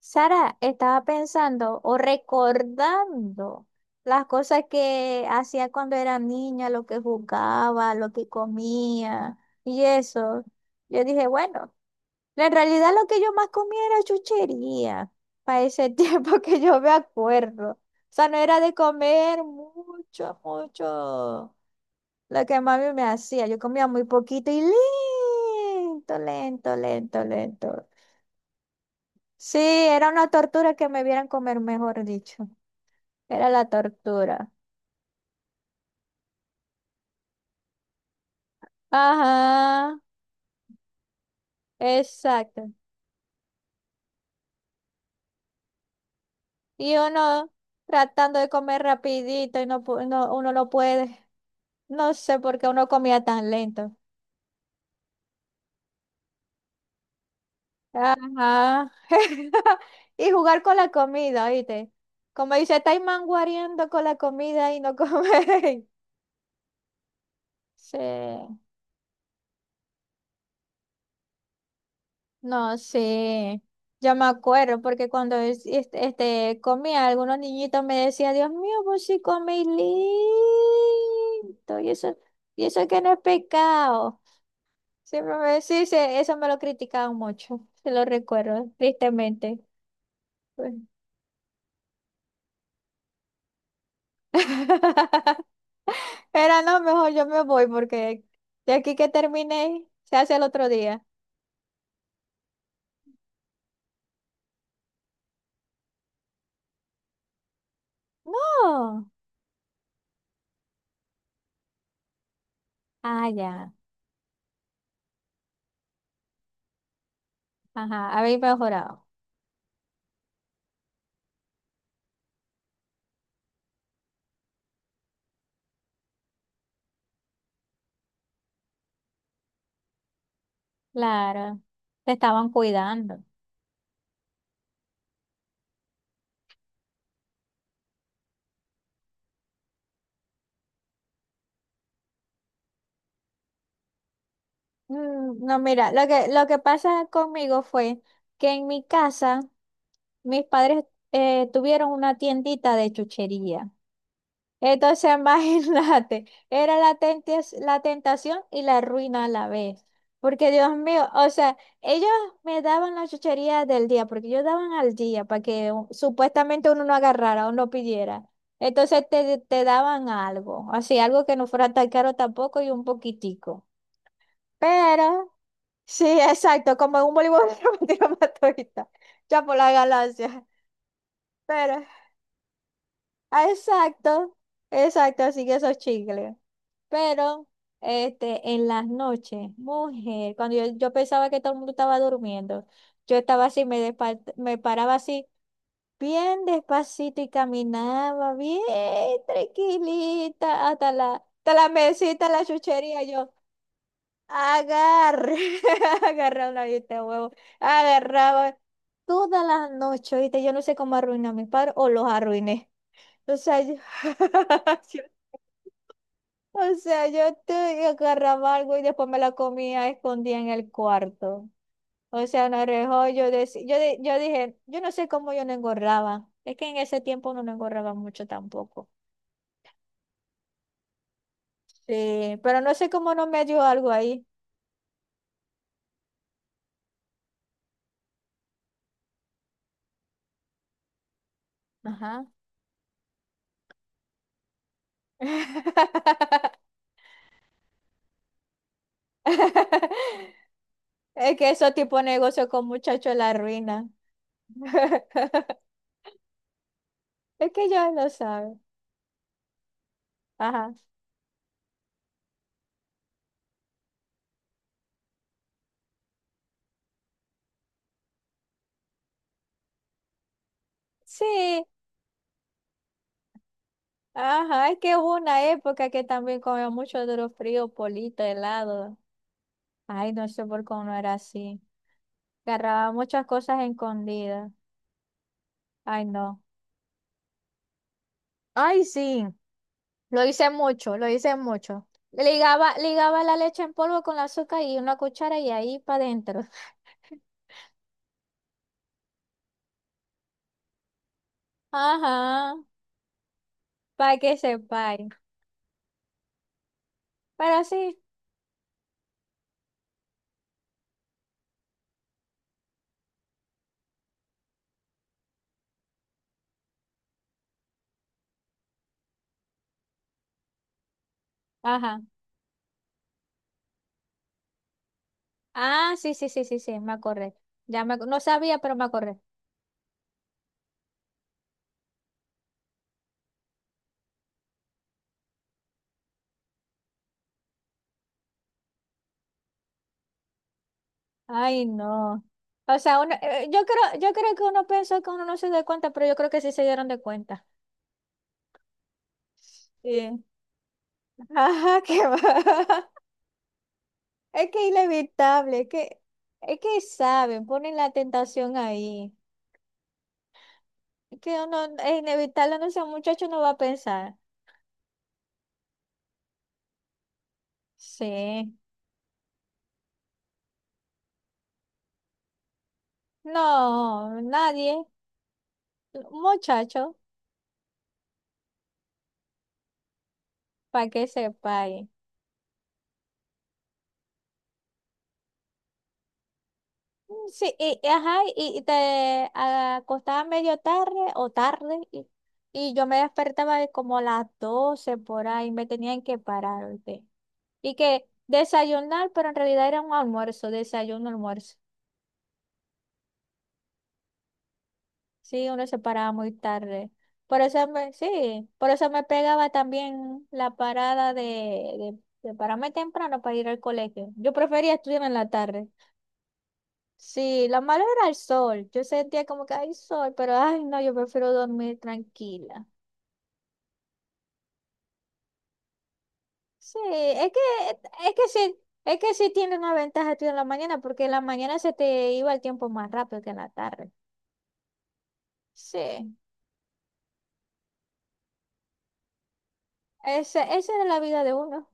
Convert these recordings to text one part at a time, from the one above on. Sara, estaba pensando o recordando las cosas que hacía cuando era niña, lo que jugaba, lo que comía y eso. Yo dije, bueno, en realidad lo que yo más comía era chuchería para ese tiempo que yo me acuerdo. O sea, no era de comer mucho, mucho lo que mami me hacía. Yo comía muy poquito y lento, lento, lento, lento. Sí, era una tortura que me vieran comer, mejor dicho. Era la tortura. Ajá, exacto. Y uno tratando de comer rapidito y no, uno no puede. No sé por qué uno comía tan lento. Ajá. Y jugar con la comida, ¿viste? Como dice, estáis manguareando con la comida y no coméis. Sí. No, sí, yo me acuerdo porque cuando comía, algunos niñitos me decían, Dios mío, vos sí coméis lindo, y eso, y eso que no es pecado. Siempre me sí, sí, eso me lo criticaban mucho, se lo recuerdo, tristemente. Pues. Pero no, mejor yo me voy porque de aquí que termine se hace el otro día. No, ah, ya, ajá, habéis mejorado, claro, te estaban cuidando. Mm, no, mira, lo que pasa conmigo fue que en mi casa mis padres tuvieron una tiendita de chuchería. Entonces, imagínate, era la tentación y la ruina a la vez. Porque Dios mío, o sea, ellos me daban la chuchería del día, porque ellos daban al día para que supuestamente uno no agarrara o no pidiera. Entonces te daban algo, así, algo que no fuera tan caro tampoco y un poquitico. Pero sí, exacto, como en un voleibol romántico matuista, ya por la galaxia. Pero, ah, exacto, exacto, así que esos chicles. Pero, este, en las noches, mujer, yo pensaba que todo el mundo estaba durmiendo, yo estaba así, me paraba así, bien despacito y caminaba bien tranquilita hasta hasta la mesita, la chuchería, yo. Agarra, agarraba una galleta de huevo, agarraba toda la noche, ¿viste? Yo no sé cómo arruiné a mis padres o los arruiné. O sea, yo, yo- o sea, yo te agarraba algo y después me la comía escondida en el cuarto. O sea, no rejó, yo dije, yo no sé cómo yo no engordaba. Es que en ese tiempo uno no engordaba mucho tampoco. Sí, pero no sé cómo no me dio algo ahí. Ajá. Es que esos tipos de negocio con muchachos la ruina. Es que ya lo saben. Ajá. Sí, ajá. Es que hubo una época que también comía mucho duro frío, polito, helado. Ay, no sé por cómo no era así. Agarraba muchas cosas escondidas. Ay, no. Ay, sí. Lo hice mucho, lo hice mucho. Ligaba, ligaba la leche en polvo con la azúcar y una cuchara y ahí para adentro. Ajá. Para que sepáis. Pero sí. Ajá. Ah, sí, sí, sí, sí, sí, me acordé. No sabía, pero me acordé. Ay, no. O sea, uno, yo creo que uno pensó que uno no se dio cuenta, pero yo creo que sí se dieron de cuenta. Sí. Ajá, qué va. Es que es inevitable, es que saben, ponen la tentación ahí. Es que uno es inevitable, no sea muchacho, no va a pensar. Sí. No, nadie. Muchacho, para que sepa. Sí, y ajá, y te acostaba medio tarde o tarde y yo me despertaba de como a las 12 por ahí, me tenían que parar, ¿oíste? Y que desayunar, pero en realidad era un almuerzo, desayuno, almuerzo. Sí, uno se paraba muy tarde. Por eso me, sí, por eso me pegaba también la parada de, de pararme temprano para ir al colegio. Yo prefería estudiar en la tarde. Sí, lo malo era el sol. Yo sentía como que hay sol, pero ay, no, yo prefiero dormir tranquila. Sí, es que sí, es que sí tiene una ventaja estudiar en la mañana, porque en la mañana se te iba el tiempo más rápido que en la tarde. Sí, esa era la vida de uno.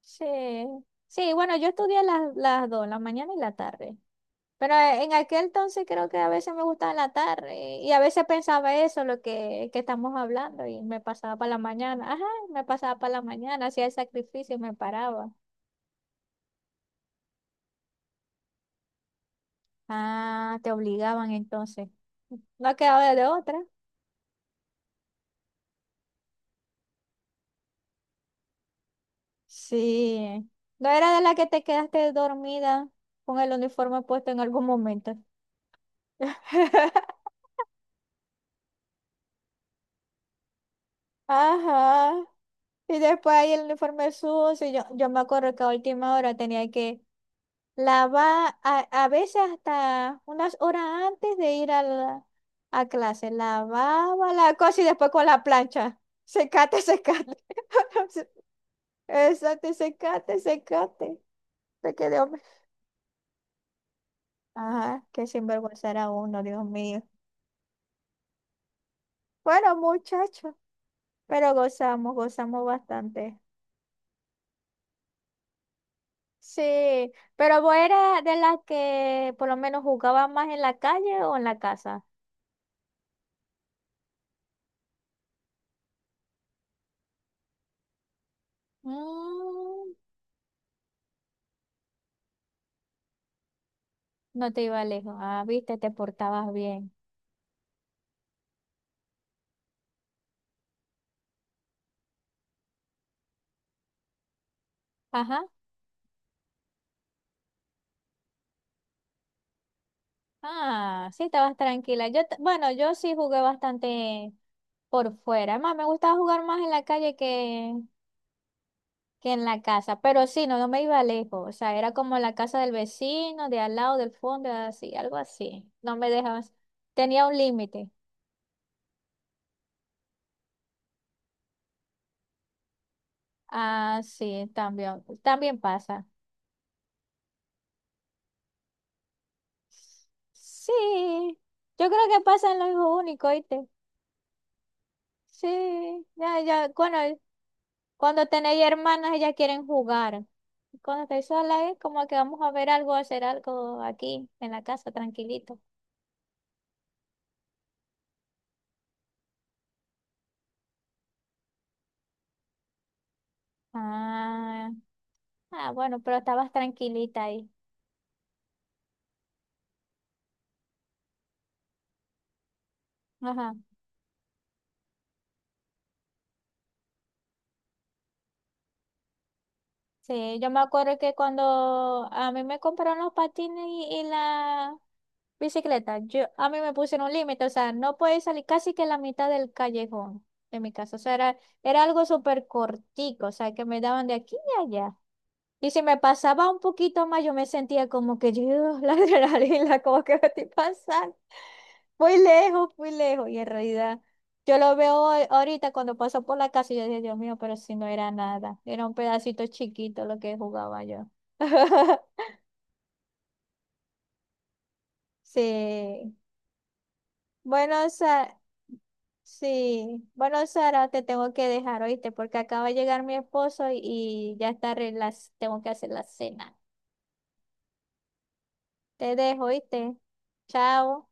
Sí, sí, bueno, yo estudié las dos, la mañana y la tarde. Pero en aquel entonces creo que a veces me gustaba en la tarde y a veces pensaba eso, que estamos hablando, y me pasaba para la mañana. Ajá, me pasaba para la mañana, hacía el sacrificio y me paraba. Ah, te obligaban entonces. No quedaba de otra. Sí. No era de la que te quedaste dormida con el uniforme puesto en algún momento. Ajá. Y después ahí el uniforme sucio. Yo me acuerdo que a última hora tenía que a veces hasta unas horas antes de ir a, a clase. Lavaba la cosa y después con la plancha. Secate, secate. Exacto, secate, secate. Te quedé hombre. Ajá, qué sinvergüenza era uno, Dios mío. Bueno, muchachos, pero gozamos, gozamos bastante. Sí, pero vos eras de las que por lo menos jugaba más en la calle o en la casa. Mm. No te iba lejos. Ah, viste, te portabas bien. Ajá. Ah, sí, estabas tranquila. Bueno, yo sí jugué bastante por fuera. Además, me gustaba jugar más en la calle que en la casa. Pero sí, no, no me iba lejos. O sea, era como la casa del vecino, de al lado, del fondo, así, algo así. No me dejabas. Tenía un límite. Ah, sí, también, también pasa. Sí, yo creo que pasa en lo mismo único, ¿oíste? Sí, ya, ya, bueno, cuando tenéis hermanas, ellas quieren jugar. Cuando estoy sola es como que vamos a ver algo, a hacer algo aquí en la casa, tranquilito. Ah, ah, bueno, pero estabas tranquilita ahí. Ajá. Sí, yo me acuerdo que cuando a mí me compraron los patines y la bicicleta, yo, a mí me pusieron un límite, o sea, no podía salir casi que la mitad del callejón de mi casa. O sea, era algo súper cortico, o sea, que me daban de aquí y allá. Y si me pasaba un poquito más, yo me sentía como que yo, la adrenalina, como que me estoy pasando. Muy lejos, muy lejos. Y en realidad, yo lo veo ahorita cuando paso por la casa y yo dije, Dios mío, pero si no era nada. Era un pedacito chiquito lo que jugaba yo. Sí. Bueno, Sara, sí. Bueno, Sara, te tengo que dejar, ¿oíste? Porque acaba de llegar mi esposo y ya está, tengo que hacer la cena. Te dejo, ¿oíste? Chao.